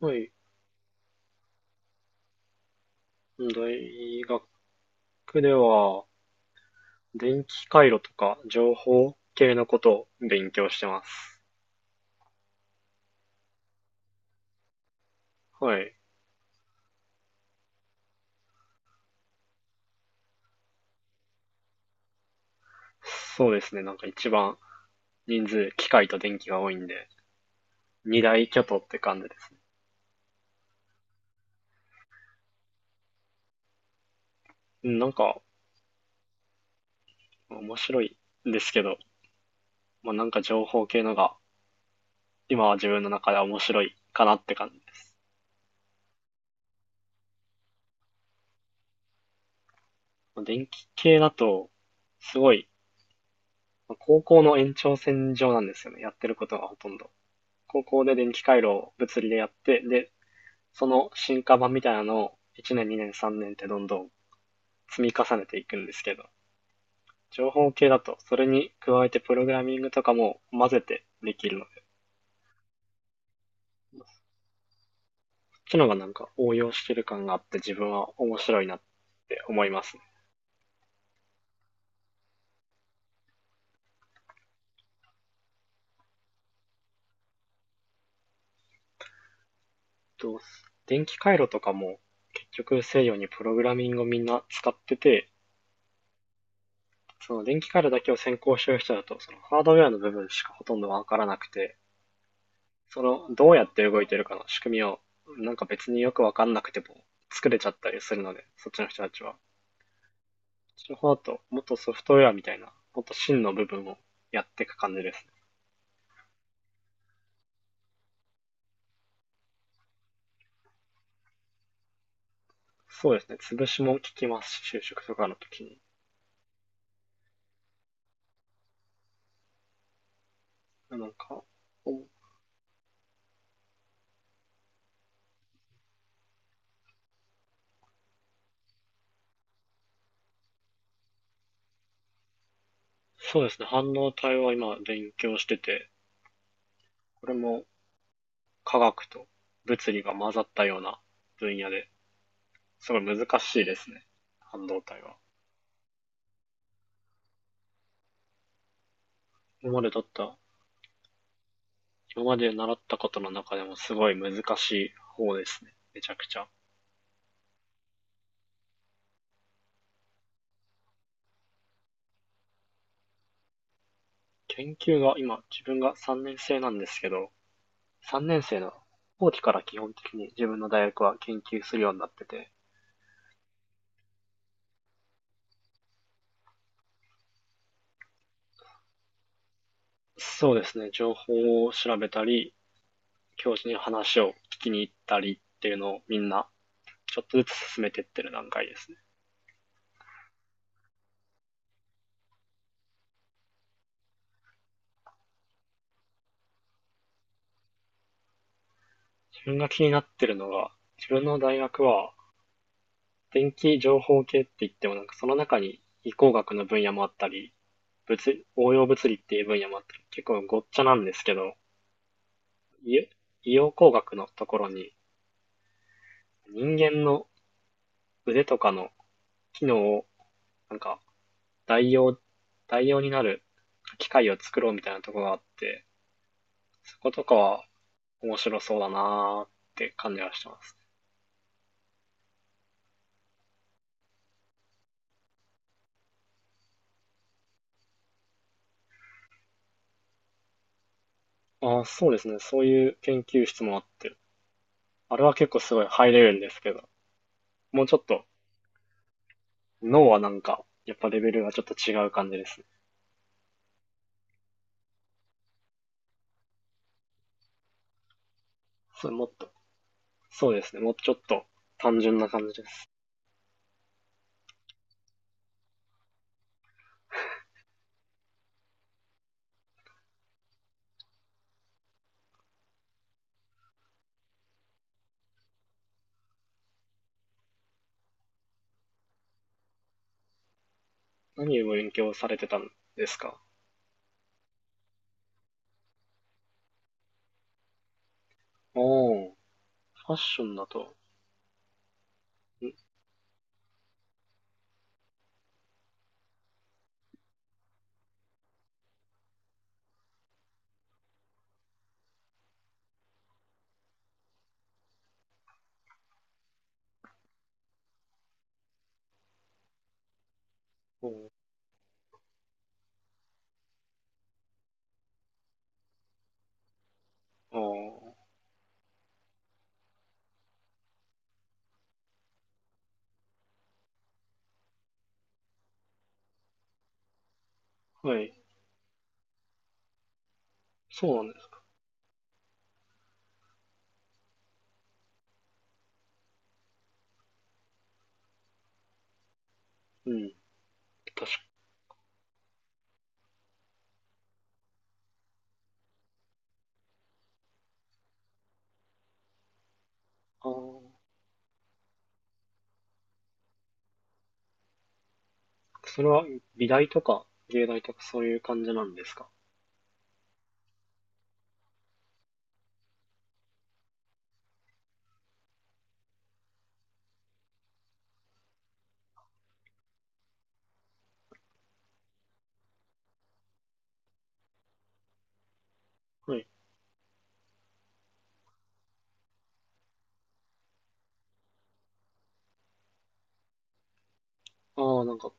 はい。大学では、電気回路とか情報系のことを勉強してます。はい。そうですね。なんか一番人数、機械と電気が多いんで、二大巨頭って感じですね。うん。なんか、面白いんですけど、まあ、なんか情報系のが、今は自分の中では面白いかなって感じです。まあ、電気系だと、すごい、まあ高校の延長線上なんですよね。やってることがほとんど。高校で電気回路を物理でやって、で、その進化版みたいなのを1年、2年、3年ってどんどん積み重ねていくんですけど、情報系だとそれに加えてプログラミングとかも混ぜてできるので、そっちのがなんか応用してる感があって自分は面白いなって思いますね。電気回路とかも結局西洋にプログラミングをみんな使ってて、その電気回路だけを先行してる人だと、そのハードウェアの部分しかほとんどわからなくて、その、どうやって動いてるかの仕組みを、なんか別によくわかんなくても作れちゃったりするので、そっちの人たちは。こっちの方だと、もっとソフトウェアみたいな、もっと真の部分をやっていく感じですね。そうですね。潰しも聞きますし、就職とかの時に。なんか、そうですね。半導体は今勉強してて、これも科学と物理が混ざったような分野ですごい難しいですね。半導体は。今まで取った今まで習ったことの中でもすごい難しい方ですね。めちゃくちゃ。研究が今、自分が3年生なんですけど、3年生の後期から基本的に自分の大学は研究するようになってて、そうですね、情報を調べたり、教授に話を聞きに行ったりっていうのをみんなちょっとずつ進めていってる段階ですね。自分が気になってるのが、自分の大学は電気情報系って言ってもなんかその中に理工学の分野もあったり、物応用物理っていう分野もあって、結構ごっちゃなんですけど、医医療工学のところに人間の腕とかの機能をなんか代用、代用になる機械を作ろうみたいなところがあって、そことかは面白そうだなーって感じがしてます。ああ、そうですね。そういう研究室もあって、あれは結構すごいハイレベルですけど、もうちょっと脳はなんか、やっぱレベルがちょっと違う感じですね。それもっとそうですね。もうちょっと単純な感じです。何を勉強されてたんですか？おお、ファッションだと、ん、おー、あー、はい。そうなんです。うん。確か、ああ、それは美大とか芸大とかそういう感じなんですか？はい。ああ、なんか、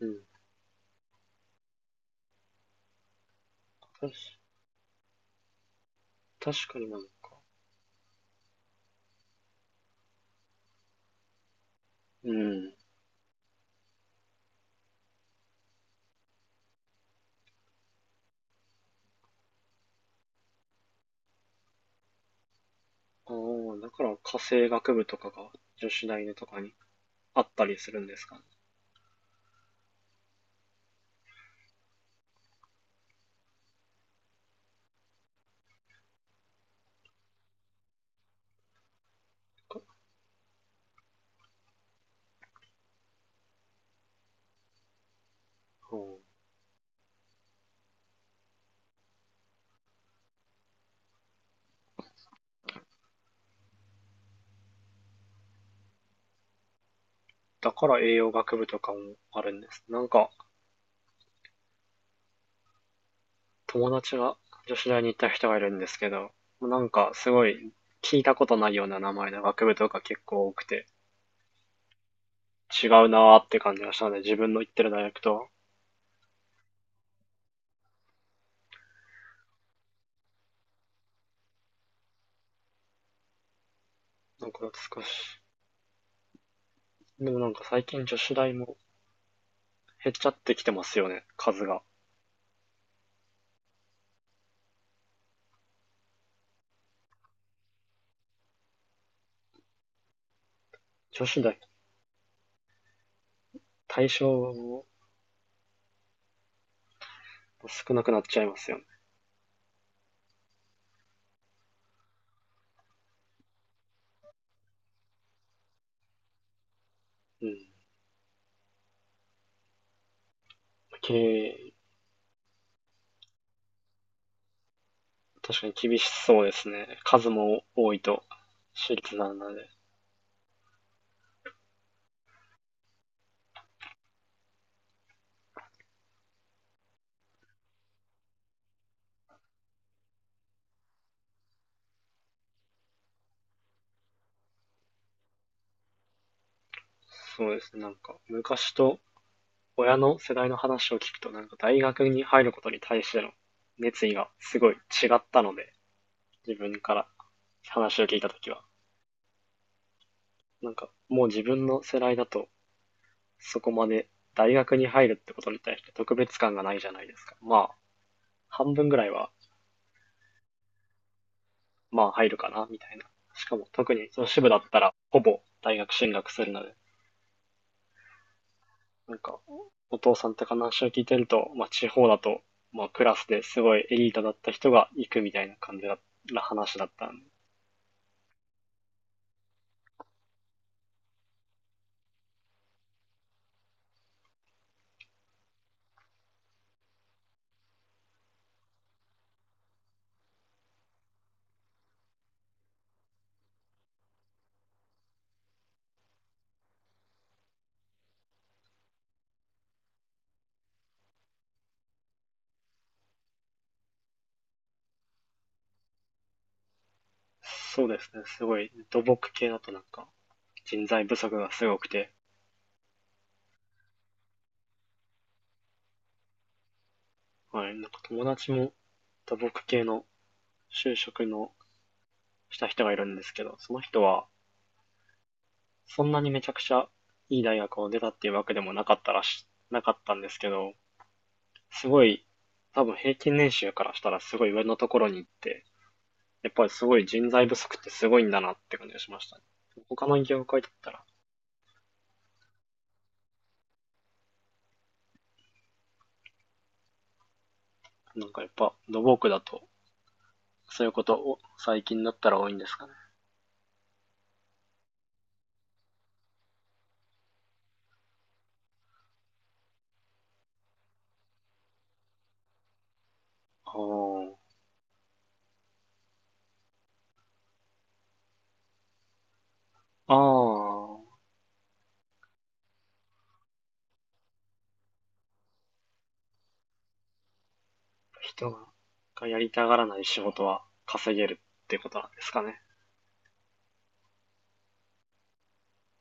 うん。確確かになんか、うん。ああ、だから家政学部とかが女子大のとかにあったりするんですかね。か、うん、だから栄養学部とかもあるんです。なんか、友達が女子大に行った人がいるんですけど、なんかすごい聞いたことないような名前の学部とか結構多くて、違うなーって感じがしたので、自分の行ってる大学とは、なんか少し。でもなんか最近女子大も減っちゃってきてますよね、数が。女子大、対象も少なくなっちゃいますよね。うん。経営、確かに厳しそうですね。数も多いと、私立なので。そうですね、なんか昔と親の世代の話を聞くと、なんか大学に入ることに対しての熱意がすごい違ったので、自分から話を聞いたときは。なんか、もう自分の世代だと、そこまで大学に入るってことに対して特別感がないじゃないですか。まあ、半分ぐらいは、まあ入るかな、みたいな。しかも特に女子部だったら、ほぼ大学進学するので、なんか、お父さんとか話を聞いてると、まあ地方だと、まあクラスですごいエリートだった人が行くみたいな感じだな話だったんで、そうですね。すごい、土木系だとなんか人材不足がすごくて、はい。なんか友達も土木系の就職のした人がいるんですけど、その人はそんなにめちゃくちゃいい大学を出たっていうわけでもなかったなかったんですけど、すごい、多分平均年収からしたらすごい上のところに行って、やっぱりすごい人材不足ってすごいんだなって感じがしましたね。他の業界だったら、なんかやっぱ土木だと、そういうことを最近だったら多いんですかね。ああ。ああ、人がやりたがらない仕事は稼げるってことなんですかね。